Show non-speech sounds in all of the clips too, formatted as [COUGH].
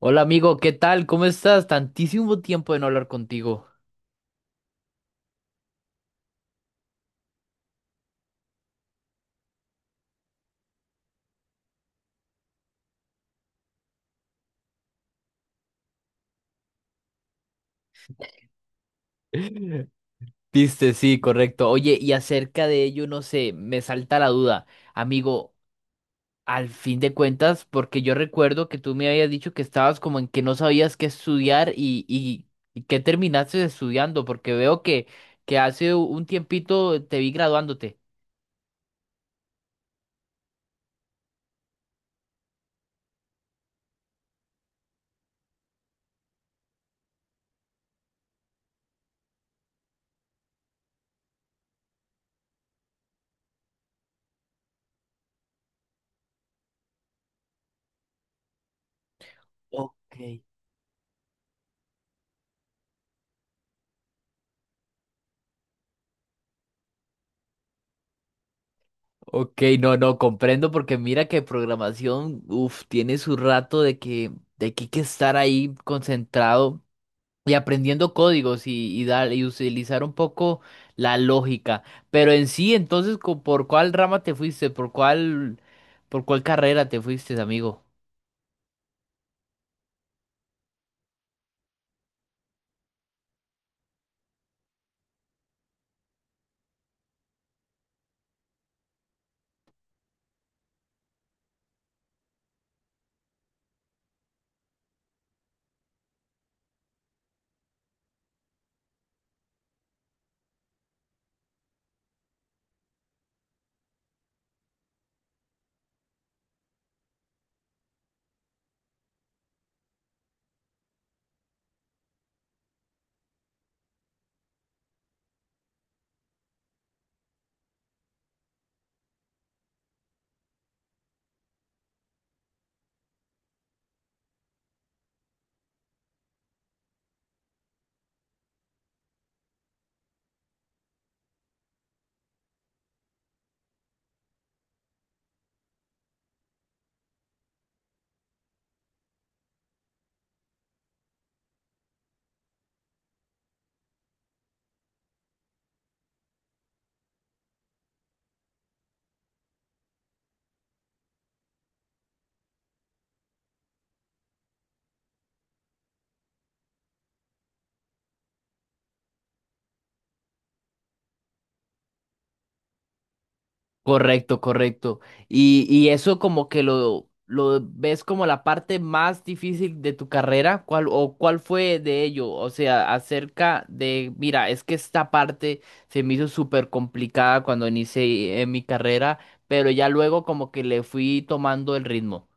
Hola amigo, ¿qué tal? ¿Cómo estás? Tantísimo tiempo de no hablar contigo. Viste, sí, correcto. Oye, y acerca de ello, no sé, me salta la duda. Amigo, al fin de cuentas, porque yo recuerdo que tú me habías dicho que estabas como en que no sabías qué estudiar y qué terminaste estudiando, porque veo que hace un tiempito te vi graduándote. Ok. Ok, no, no, comprendo porque mira que programación, uff, tiene su rato de que hay que estar ahí concentrado y aprendiendo códigos y dar y utilizar un poco la lógica. Pero en sí, entonces, ¿por cuál rama te fuiste? Por cuál carrera te fuiste, amigo? Correcto, correcto. Y eso como que lo ves como la parte más difícil de tu carrera, ¿cuál, o cuál fue de ello? O sea, acerca de, mira, es que esta parte se me hizo súper complicada cuando inicié mi carrera, pero ya luego como que le fui tomando el ritmo.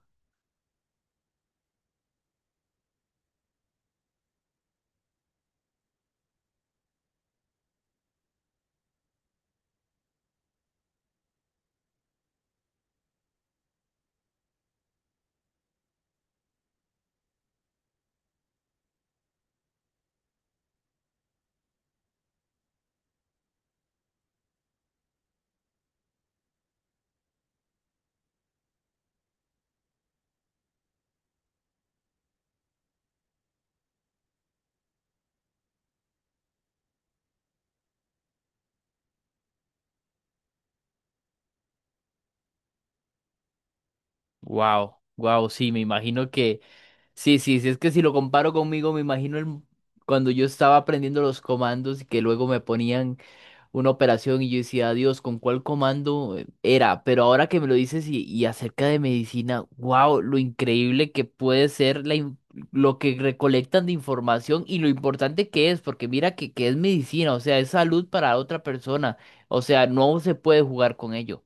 Wow, wow, sí, me imagino que, sí, sí, sí, es que si lo comparo conmigo, me imagino cuando yo estaba aprendiendo los comandos y que luego me ponían una operación y yo decía, Dios, ¿con cuál comando era? Pero ahora que me lo dices y acerca de medicina, wow, lo increíble que puede ser lo que recolectan de información y lo importante que es, porque mira que es medicina, o sea, es salud para otra persona, o sea, no se puede jugar con ello.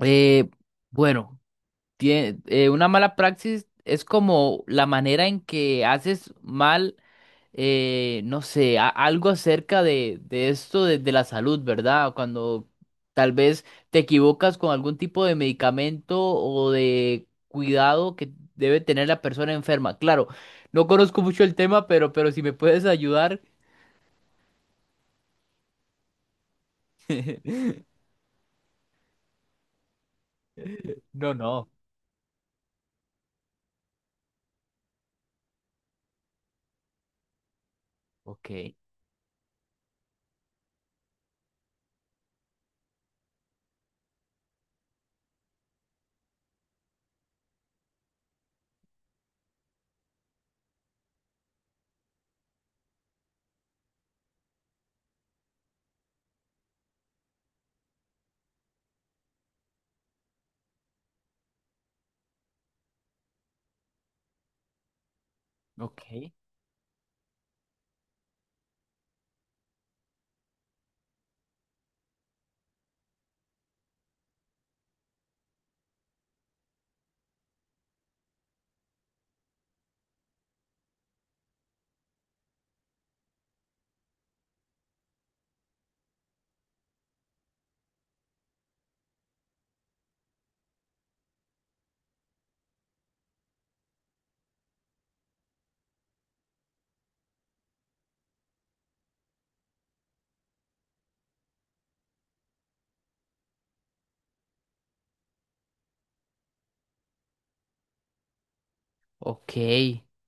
Eh, bueno. Una mala praxis es como la manera en que haces mal, no sé, algo acerca de esto de la salud, ¿verdad? Cuando tal vez te equivocas con algún tipo de medicamento o de cuidado que debe tener la persona enferma. Claro, no conozco mucho el tema, pero si me puedes ayudar. [LAUGHS] No, no. Ok, ok. Ok,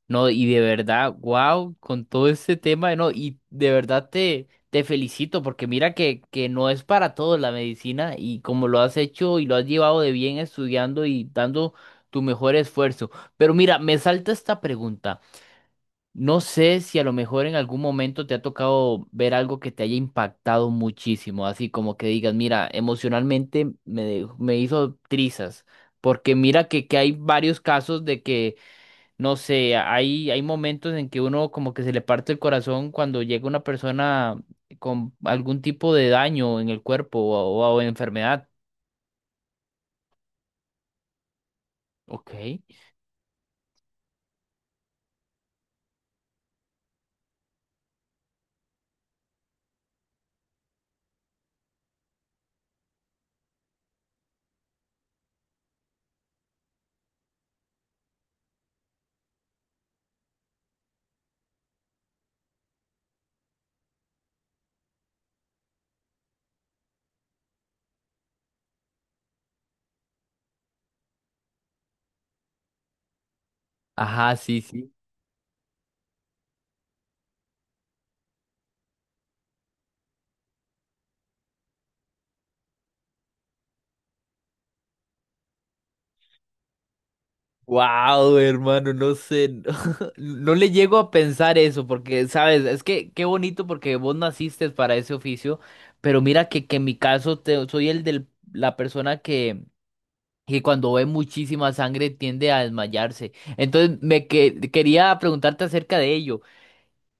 no, y de verdad, wow, con todo este tema, no, y de verdad te, te felicito porque mira que no es para todos la medicina y como lo has hecho y lo has llevado de bien estudiando y dando tu mejor esfuerzo. Pero mira, me salta esta pregunta. No sé si a lo mejor en algún momento te ha tocado ver algo que te haya impactado muchísimo, así como que digas, mira, emocionalmente me hizo trizas, porque mira que hay varios casos de que no sé, hay momentos en que uno como que se le parte el corazón cuando llega una persona con algún tipo de daño en el cuerpo o enfermedad. Ok. Ajá, sí, sí. Wow, hermano, no sé, [LAUGHS] no, no le llego a pensar eso porque, sabes, es que qué bonito porque vos naciste para ese oficio, pero mira que en mi caso soy el de la persona que cuando ve muchísima sangre tiende a desmayarse. Entonces, quería preguntarte acerca de ello.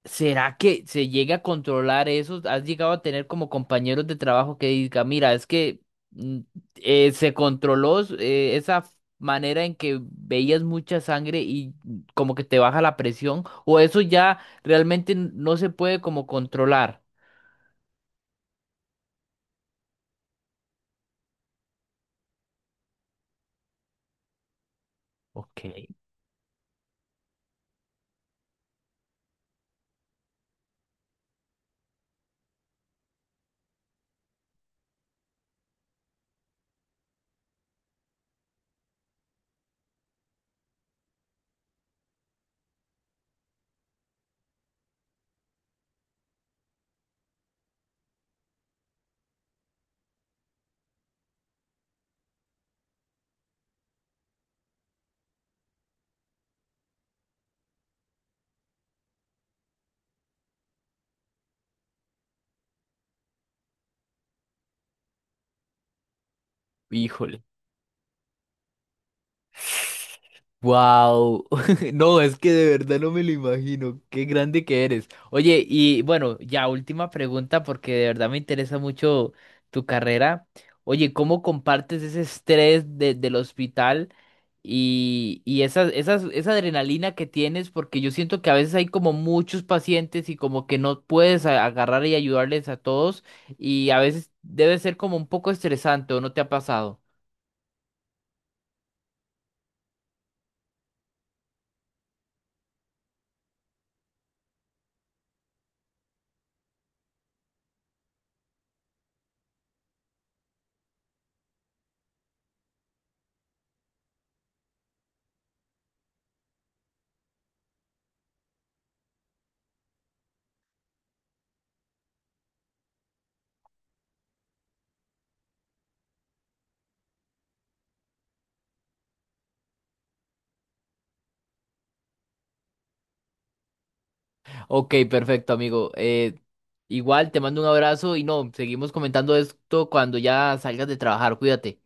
¿Será que se llega a controlar eso? ¿Has llegado a tener como compañeros de trabajo que diga, mira, es que mm, se controló esa manera en que veías mucha sangre y como que te baja la presión? ¿O eso ya realmente no se puede como controlar? Ok, híjole. Wow, [LAUGHS] no, es que de verdad no me lo imagino, qué grande que eres. Oye, y bueno, ya última pregunta porque de verdad me interesa mucho tu carrera. Oye, ¿cómo compartes ese estrés del hospital y esas, esas, esa adrenalina que tienes? Porque yo siento que a veces hay como muchos pacientes y como que no puedes agarrar y ayudarles a todos y a veces debe ser como un poco estresante, ¿o no te ha pasado? Ok, perfecto, amigo. Igual te mando un abrazo y no, seguimos comentando esto cuando ya salgas de trabajar. Cuídate.